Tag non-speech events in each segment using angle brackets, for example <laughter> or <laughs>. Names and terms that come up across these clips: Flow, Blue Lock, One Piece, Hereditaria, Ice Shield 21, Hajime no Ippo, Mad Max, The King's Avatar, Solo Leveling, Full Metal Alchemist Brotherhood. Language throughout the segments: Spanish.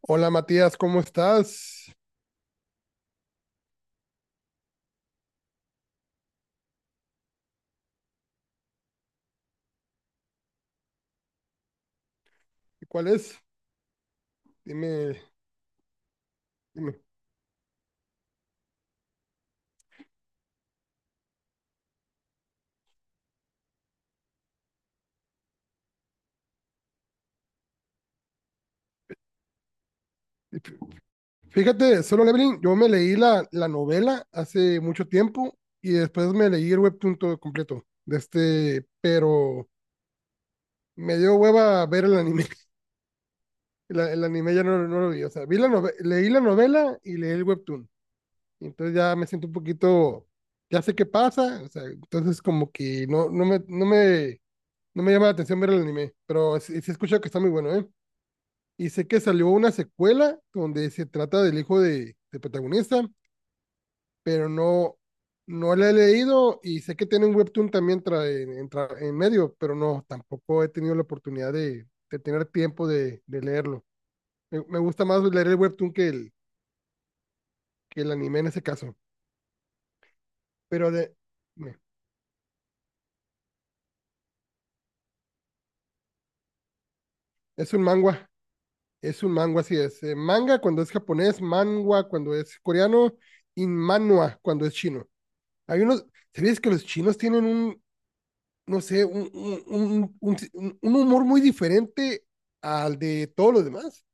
Hola Matías, ¿cómo estás? ¿Cuál es? Dime, dime. Fíjate, Solo Leveling, yo me leí la novela hace mucho tiempo y después me leí el webtoon todo completo pero me dio hueva ver el anime. <laughs> El anime ya no lo vi, o sea, leí la novela y leí el webtoon. Entonces ya me siento un ya sé qué pasa, o sea, entonces como que no me llama la atención ver el anime, pero sí, sí escucho que está muy bueno, ¿eh? Y sé que salió una secuela donde se trata del hijo de protagonista, pero no la he leído y sé que tiene un webtoon también en medio, pero no, tampoco he tenido la oportunidad de tener tiempo de leerlo. Me gusta más leer el webtoon que el anime en ese caso. Pero de, me- es un es un manga, así es. Manga cuando es japonés, manhwa cuando es coreano y manhwa cuando es chino. Hay unos, ¿Sabías que los chinos tienen no sé, un si, un humor muy diferente al de todos los demás.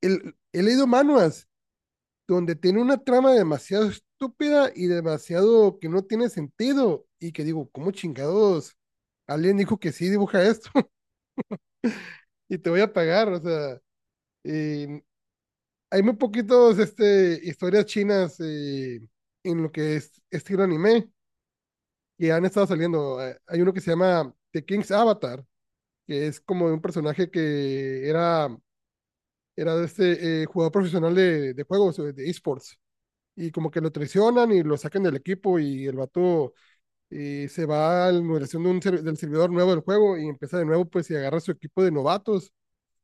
He leído manuas donde tiene una trama demasiado estúpida y demasiado que no tiene sentido y que digo, ¿cómo chingados? Alguien dijo que sí, dibuja esto <laughs> y te voy a pagar, o sea, eh, hay muy poquitos historias chinas en lo que es estilo anime que han estado saliendo. Hay uno que se llama The King's Avatar, que es como de un personaje era de jugador profesional de juegos, de esports. Y como que lo traicionan y lo sacan del equipo y el vato se va a la moderación de del servidor nuevo del juego y empieza de nuevo pues y agarra su equipo de novatos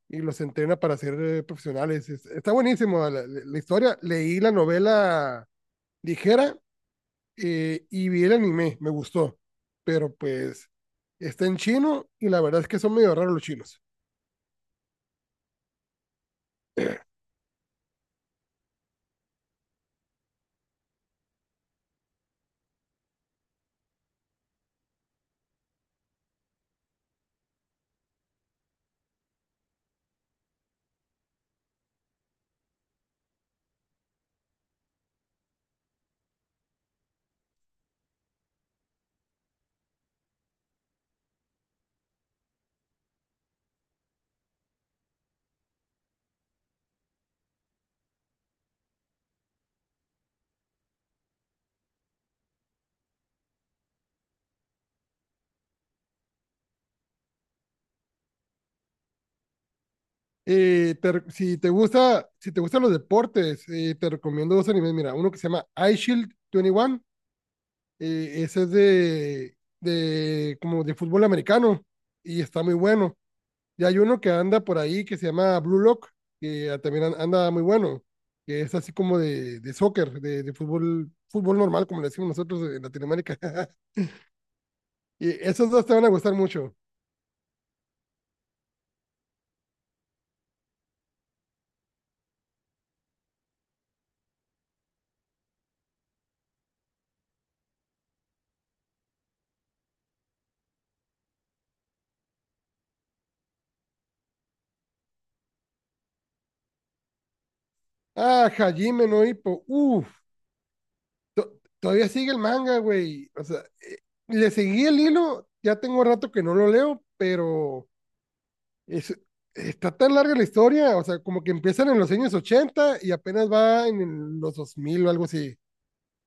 y los entrena para ser profesionales. Está buenísimo la historia. Leí la novela ligera y vi el anime, me gustó. Pero pues está en chino y la verdad es que son medio raros los chinos. Si te gusta, si te gustan los deportes, te recomiendo dos animes. Mira, uno que se llama Ice Shield 21. Ese es de como de fútbol americano y está muy bueno. Y hay uno que anda por ahí que se llama Blue Lock, que también anda muy bueno, que es así como de soccer, de fútbol, fútbol normal, como le decimos nosotros en Latinoamérica. <laughs> Y esos dos te van a gustar mucho. Ah, Hajime no Ippo. Todavía sigue el manga, güey. O sea, le seguí el hilo, ya tengo rato que no lo leo, pero es, está tan larga la historia, o sea, como que empiezan en los años 80 y apenas va en los 2000 o algo así.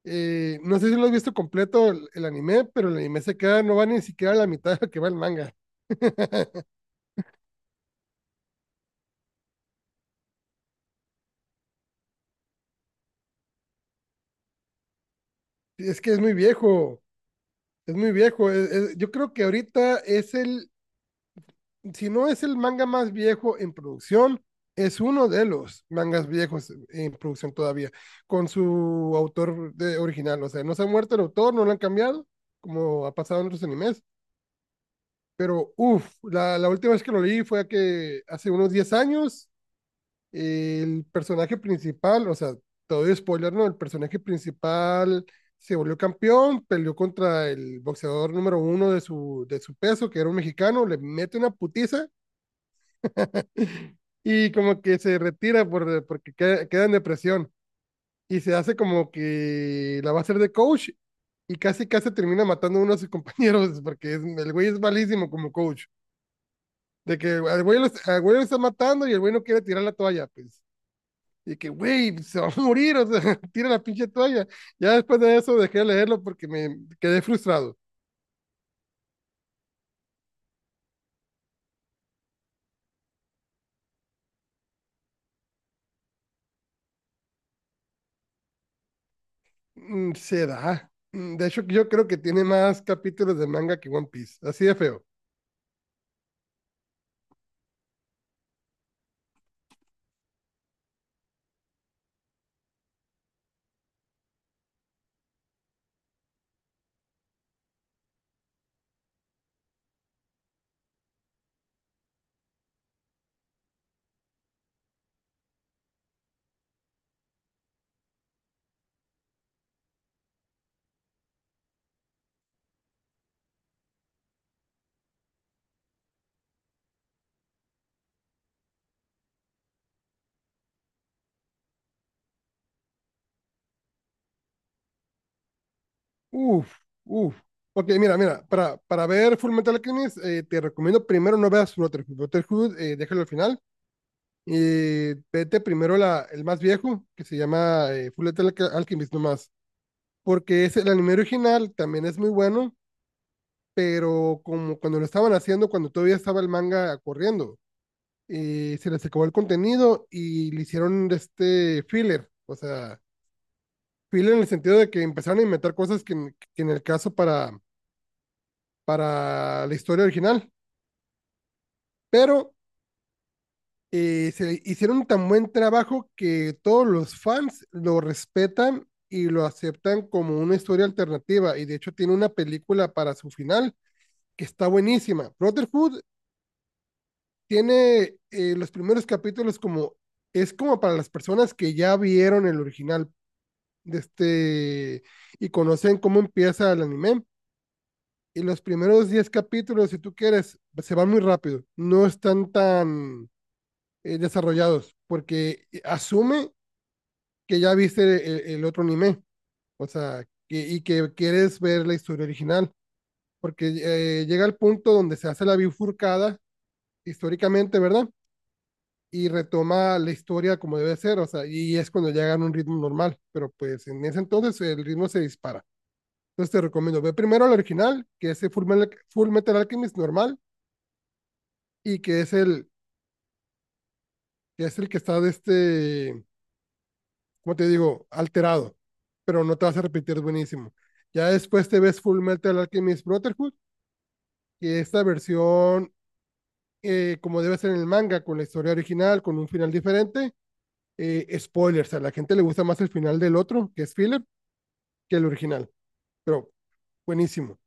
No sé si lo has visto completo el anime, pero el anime se queda, no va ni siquiera a la mitad de lo que va el manga. <laughs> Es que es muy viejo, es muy viejo. Yo creo que ahorita es el, si no es el manga más viejo en producción, es uno de los mangas viejos en producción todavía, con su autor original. O sea, no se ha muerto el autor, no lo han cambiado, como ha pasado en otros animes. Pero, uff, la última vez que lo leí fue que hace unos 10, el personaje principal, o sea, todo spoiler, ¿no? El personaje principal se volvió campeón, peleó contra el boxeador número uno de su peso, que era un mexicano, le mete una putiza. Y como que se retira porque queda en depresión. Y se hace como que la va a hacer de coach. Y casi casi termina matando a uno de sus <laughs> compañeros. Porque el güey es malísimo como coach. De que al al güey lo está matando y el güey no quiere tirar la toalla. Pues. Y que, güey, se va a morir. O sea, <laughs> tira la pinche toalla. Ya después de eso dejé de leerlo porque me quedé frustrado. Mm, se da. Mm, de hecho, yo creo que tiene más capítulos de manga que One Piece. Así de feo. Uf, uf. Porque mira, mira, para ver Full Metal Alchemist, te recomiendo primero no veas Brotherhood. Brotherhood, déjalo al final. Y vete primero el más viejo, que se llama Alchemist nomás. Porque es el anime original, también es muy bueno, pero como cuando lo estaban haciendo, cuando todavía estaba el manga corriendo, se les acabó el contenido y le hicieron este filler. O sea, filler en el sentido de que empezaron a inventar cosas que en el caso para la historia original, pero se hicieron tan buen trabajo que todos los fans lo respetan y lo aceptan como una historia alternativa y de hecho tiene una película para su final que está buenísima. Brotherhood tiene los primeros capítulos como, es como para las personas que ya vieron el original de este y conocen cómo empieza el anime. Y los primeros 10 capítulos, si tú quieres, se van muy rápido. No están tan desarrollados, porque asume que ya viste el otro anime, o sea, que, y que quieres ver la historia original, porque llega al punto donde se hace la bifurcada históricamente, ¿verdad? Y retoma la historia como debe ser, o sea, y es cuando llegan a un ritmo normal, pero pues en ese entonces el ritmo se dispara. Entonces te recomiendo, ve primero el original, que es el Full Metal Alchemist normal, y que es el que está de este como te digo, alterado, pero no te vas a repetir, es buenísimo. Ya después te ves Full Metal Alchemist Brotherhood, que esta versión, como debe ser en el manga, con la historia original, con un final diferente. Spoilers, a la gente le gusta más el final del otro, que es filler, que el original, pero buenísimo.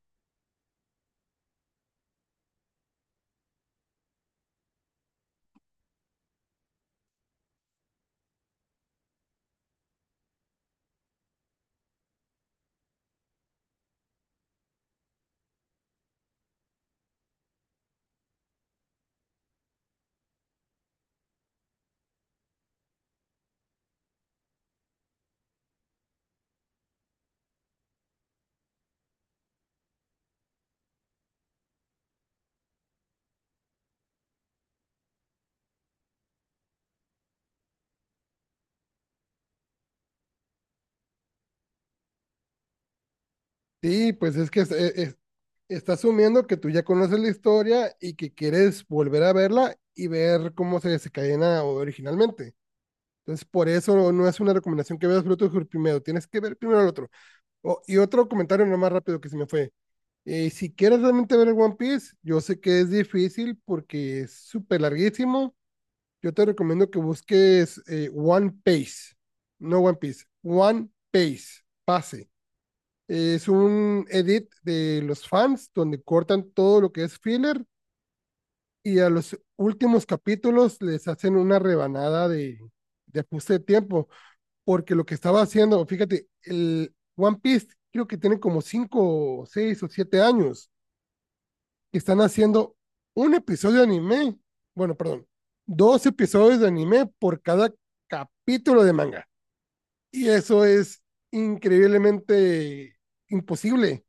Sí, pues es que está asumiendo que tú ya conoces la historia y que quieres volver a verla y ver cómo se desencadena originalmente. Entonces, por eso no es una recomendación que veas Brotherhood primero, tienes que ver primero el otro. Oh, y otro comentario nomás rápido que se me fue. Si quieres realmente ver el One Piece, yo sé que es difícil porque es súper larguísimo. Yo te recomiendo que busques One Piece, no One Piece, One Piece, pase. Es un edit de los fans donde cortan todo lo que es filler y a los últimos capítulos les hacen una rebanada de ajuste de tiempo porque lo que estaba haciendo, fíjate, el One Piece creo que tiene como cinco, 6 o 7 años que están haciendo un episodio de anime, bueno, perdón, dos episodios de anime por cada capítulo de manga. Y eso es increíblemente imposible.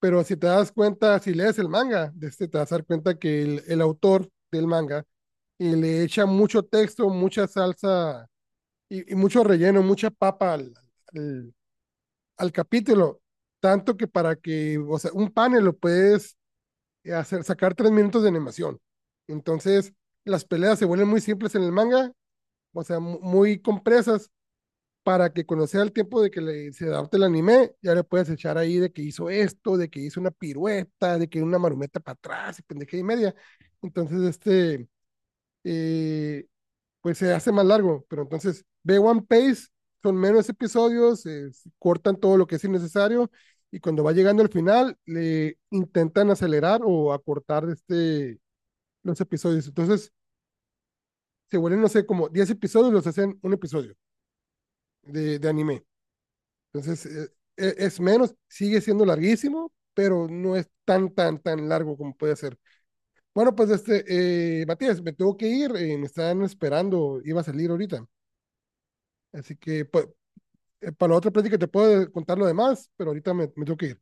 Pero si te das cuenta, si lees el manga, te vas a dar cuenta que el autor del manga y le echa mucho texto, mucha salsa y mucho relleno, mucha papa al al capítulo, tanto que para que, o sea, un panel lo puedes hacer, sacar 3 de animación. Entonces, las peleas se vuelven muy simples en el manga, o sea, muy compresas para que cuando sea el tiempo de que se adapte el anime, ya le puedes echar ahí de que hizo esto, de que hizo una pirueta, de que una marumeta para atrás y pendeja y media. Entonces, eh, pues se hace más largo, pero entonces ve One Piece, son menos episodios, cortan todo lo que es innecesario y cuando va llegando al final le intentan acelerar o acortar los episodios. Entonces se vuelven, no sé, como 10, los hacen un episodio de anime. Entonces eh, es menos, sigue siendo larguísimo, pero no es tan, tan, tan largo como puede ser. Bueno, pues este, Matías, me tengo que ir, me están esperando, iba a salir ahorita. Así que pues, para la otra plática te puedo contar lo demás, pero ahorita me tengo que ir.